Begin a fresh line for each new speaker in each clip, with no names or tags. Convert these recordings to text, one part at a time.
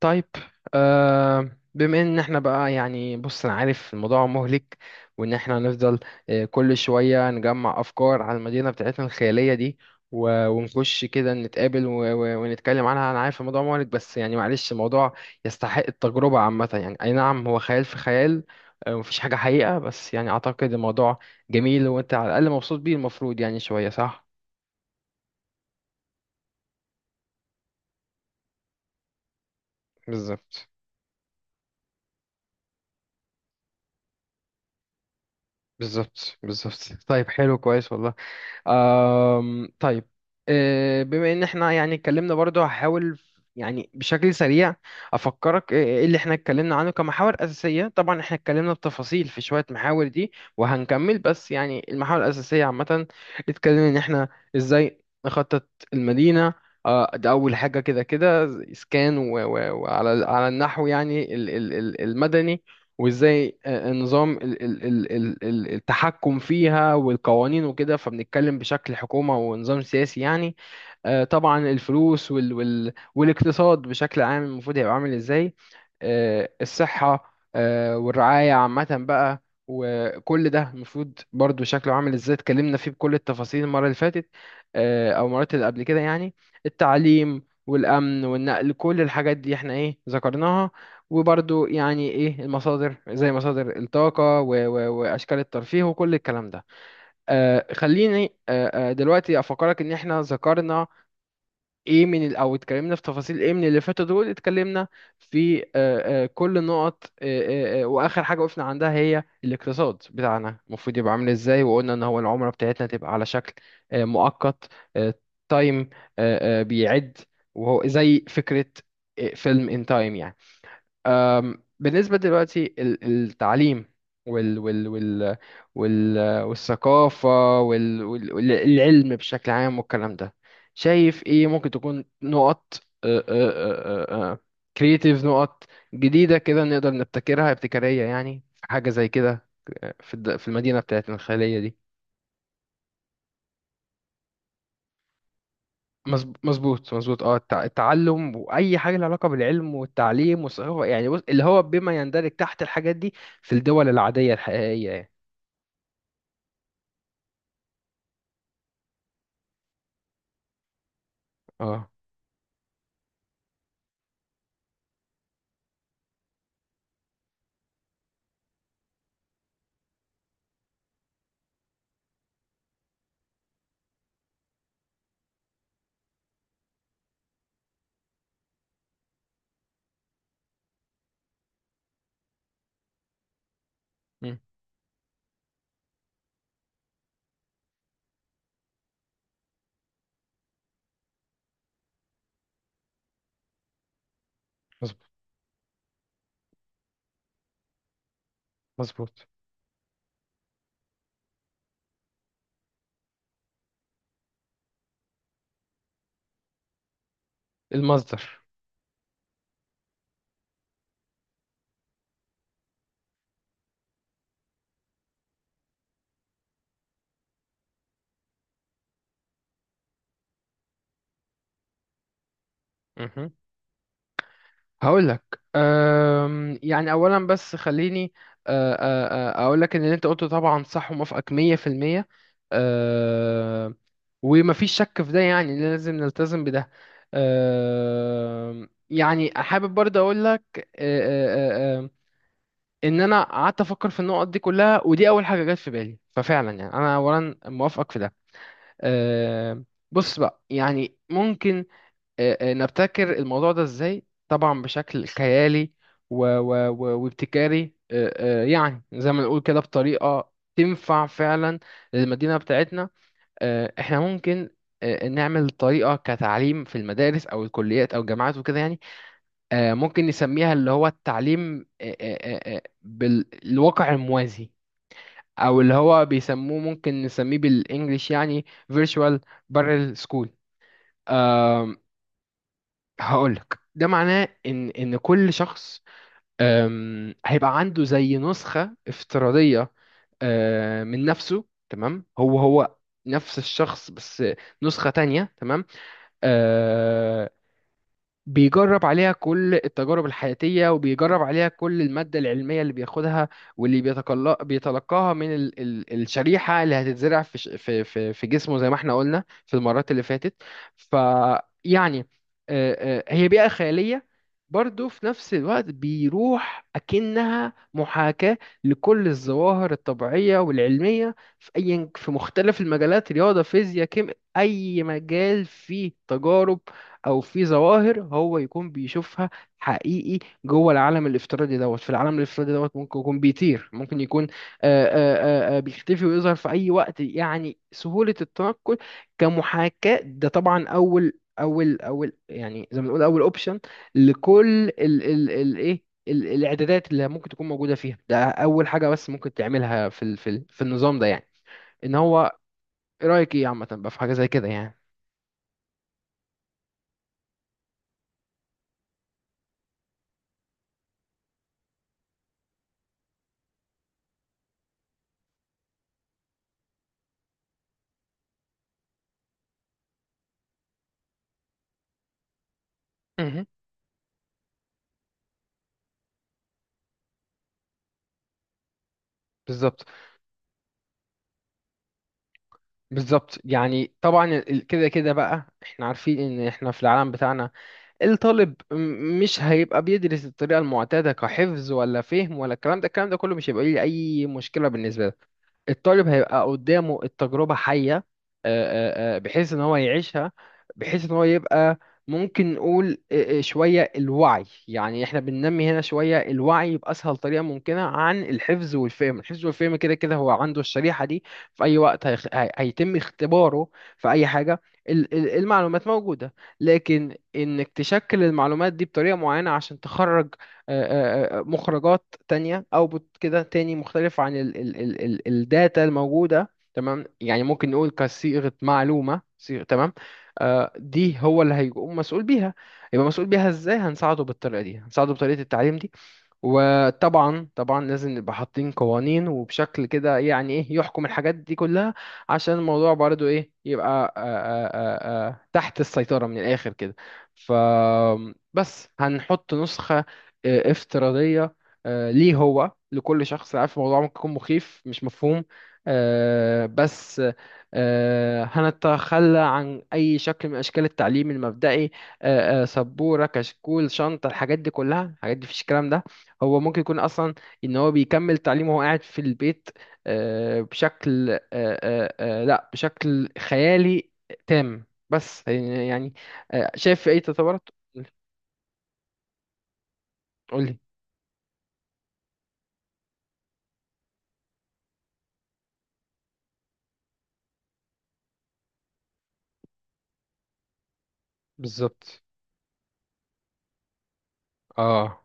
طيب. بما ان احنا بقى يعني بص انا عارف الموضوع مهلك، وان احنا هنفضل كل شوية نجمع افكار على المدينة بتاعتنا الخيالية دي، ونخش كده نتقابل ونتكلم عنها. انا عارف الموضوع مهلك بس يعني معلش، الموضوع يستحق التجربة عامة، يعني اي نعم، هو خيال في خيال. مفيش حاجة حقيقة، بس يعني اعتقد الموضوع جميل، وانت على الاقل مبسوط بيه، المفروض يعني شوية، صح؟ بالظبط بالظبط بالظبط. طيب، حلو، كويس والله. طيب. بما ان احنا يعني اتكلمنا برضو، هحاول يعني بشكل سريع افكرك ايه اللي احنا اتكلمنا عنه كمحاور اساسيه. طبعا احنا اتكلمنا بتفاصيل في شويه محاور دي وهنكمل، بس يعني المحاور الاساسيه عامه. اتكلمنا ان احنا ازاي نخطط المدينه. ده اول حاجه كده كده. اسكان وعلى النحو، يعني المدني. وازاي النظام التحكم فيها والقوانين وكده، فبنتكلم بشكل حكومة ونظام سياسي يعني. طبعا الفلوس والاقتصاد بشكل عام، المفروض هيبقى عامل ازاي. الصحة والرعاية عامة بقى، وكل ده المفروض برضو شكله عامل ازاي، اتكلمنا فيه بكل التفاصيل المرة اللي فاتت، او المرات اللي قبل كده يعني. التعليم والأمن والنقل، كل الحاجات دي احنا ايه ذكرناها. وبرضو يعني ايه المصادر، زي مصادر الطاقة و و واشكال الترفيه وكل الكلام ده. خليني دلوقتي افكرك ان احنا ذكرنا ايه او اتكلمنا في تفاصيل ايه من اللي فاتوا دول. اتكلمنا في كل النقط. واخر حاجة وقفنا عندها هي الاقتصاد بتاعنا، المفروض يبقى عامل ازاي. وقلنا ان هو العملة بتاعتنا تبقى على شكل مؤقت، آه تايم، بيعد، وهو زي فكرة فيلم ان تايم يعني. بالنسبة دلوقتي التعليم وال وال وال وال والثقافة والعلم بشكل عام والكلام ده، شايف ايه ممكن تكون نقط كرييتيف، نقط جديدة كده نقدر نبتكرها، ابتكارية يعني، في حاجة زي كده في في المدينة بتاعتنا الخيالية دي؟ مظبوط مظبوط. اه التعلم واي حاجه لها علاقه بالعلم والتعليم والثقافه يعني، بص اللي هو بما يندرج تحت الحاجات دي في الدول العاديه الحقيقيه يعني. اه. مم. مظبوط. مظبوط. المصدر. مهم. هقول لك. يعني اولا بس خليني اقول لك ان اللي انت قلته طبعا صح، وموافقك 100%. أه، ومفيش شك في ده، يعني لازم نلتزم بده. يعني حابب برضه اقول لك ان انا قعدت افكر في النقط دي كلها، ودي اول حاجه جت في بالي، ففعلا يعني انا اولا موافقك في ده. أه، بص بقى، يعني ممكن نبتكر الموضوع ده ازاي؟ طبعا بشكل خيالي و و و وابتكاري، يعني زي ما نقول كده بطريقة تنفع فعلا للمدينة بتاعتنا. احنا ممكن نعمل طريقة كتعليم في المدارس أو الكليات أو الجامعات وكده يعني. ممكن نسميها، اللي هو التعليم بالواقع الموازي، أو اللي هو بيسموه، ممكن نسميه بالإنجليش يعني "virtual parallel school". هقولك ده معناه ان كل شخص هيبقى عنده زي نسخة افتراضية من نفسه. تمام، هو نفس الشخص بس نسخة تانية، تمام. آه، بيجرب عليها كل التجارب الحياتية، وبيجرب عليها كل المادة العلمية اللي بياخدها، واللي بيتلقاها من ال ال الشريحة اللي هتتزرع في جسمه، زي ما احنا قلنا في المرات اللي فاتت. فيعني هي بيئة خيالية، برضه في نفس الوقت بيروح أكنها محاكاة لكل الظواهر الطبيعية والعلمية في أي في مختلف المجالات: رياضة، فيزياء، كيمياء، أي مجال فيه تجارب او في ظواهر هو يكون بيشوفها حقيقي جوه العالم الافتراضي دوت. في العالم الافتراضي دوت ممكن يكون بيطير، ممكن يكون بيختفي ويظهر في اي وقت، يعني سهولة التنقل كمحاكاة. ده طبعا اول، يعني زي ما نقول، اول اوبشن لكل الاعدادات اللي ممكن تكون موجودة فيها. ده اول حاجة بس ممكن تعملها في النظام ده، يعني ان هو. ايه رأيك، ايه عامة بقى في حاجة زي كده يعني؟ مهم. بالظبط بالظبط، يعني طبعا كده كده بقى احنا عارفين ان احنا في العالم بتاعنا الطالب مش هيبقى بيدرس الطريقة المعتادة، كحفظ ولا فهم ولا الكلام ده. الكلام ده كله مش هيبقى ليه اي مشكلة بالنسبة له. الطالب هيبقى قدامه التجربة حية، بحيث ان هو يعيشها، بحيث ان هو يبقى، ممكن نقول شوية الوعي، يعني احنا بننمي هنا شوية الوعي بأسهل طريقة ممكنة عن الحفظ والفهم. الحفظ والفهم كده كده هو عنده الشريحة دي، في أي وقت هيتم اختباره في أي حاجة. المعلومات موجودة، لكن إنك تشكل المعلومات دي بطريقة معينة عشان تخرج آه، مخرجات تانية، اوتبوت كده تاني مختلف عن ال ال ال ال الداتا الموجودة، تمام. يعني ممكن نقول كصيغة، معلومة، صيغة، تمام. دي هو اللي هيقوم مسؤول بيها. يبقى مسؤول بيها ازاي؟ هنساعده بالطريقة دي، هنساعده بطريقة التعليم دي. وطبعا طبعا لازم نبقى حاطين قوانين وبشكل كده، يعني ايه، يحكم الحاجات دي كلها، عشان الموضوع برضو ايه يبقى تحت السيطرة من الآخر كده. ف، بس هنحط نسخة افتراضية ليه هو، لكل شخص. عارف الموضوع ممكن يكون مخيف مش مفهوم، بس هنتخلى عن أي شكل من أشكال التعليم المبدئي. سبورة، كشكول، شنطة، الحاجات دي كلها، الحاجات دي مفيش الكلام ده. هو ممكن يكون اصلا ان هو بيكمل تعليمه وهو قاعد في البيت، بشكل لا، بشكل خيالي تام، بس يعني شايف في اي تطورات؟ قولي. بالظبط. اه.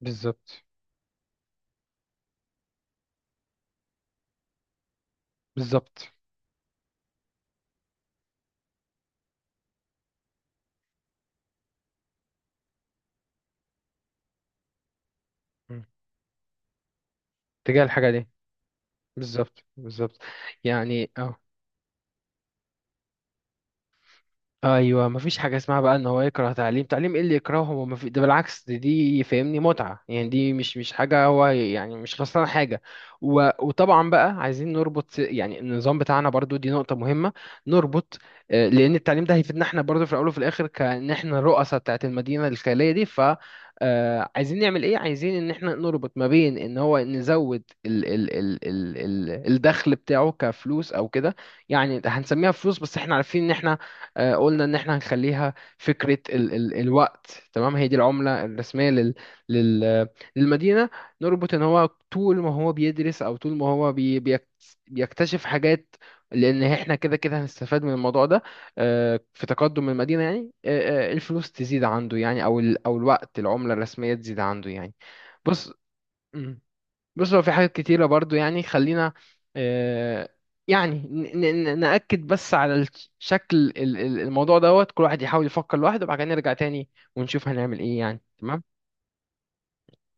بالظبط بالظبط. مم. تجاه الحاجة دي. بالظبط بالظبط. يعني اه، ايوه مفيش حاجه اسمها بقى ان هو يكره تعليم. تعليم ايه اللي يكرهه هو؟ ده بالعكس، دي فاهمني متعه يعني، دي مش حاجه، هو يعني مش خسران حاجه. وطبعا بقى عايزين نربط يعني النظام بتاعنا، برضو دي نقطه مهمه. نربط لان التعليم ده هيفيدنا احنا برضو في الاول وفي الاخر، كان احنا الرؤساء بتاعت المدينه الخياليه دي. ف عايزين نعمل ايه؟ عايزين ان احنا نربط ما بين ان هو نزود الدخل بتاعه كفلوس او كده، يعني هنسميها فلوس، بس احنا عارفين ان احنا قلنا ان احنا هنخليها فكرة ال ال الوقت، تمام، هي دي العملة الرسمية لل لل للمدينة. نربط ان هو طول ما هو بيدرس، او طول ما هو بيكتشف حاجات، لان احنا كده كده هنستفاد من الموضوع ده في تقدم المدينة يعني. الفلوس تزيد عنده يعني، او او الوقت، العملة الرسمية، تزيد عنده يعني. بص بص هو في حاجات كتيرة برضو، يعني خلينا آه، يعني نأكد بس على شكل الموضوع دوت. كل واحد يحاول يفكر لوحده، وبعد كده نرجع تاني ونشوف هنعمل ايه يعني، تمام.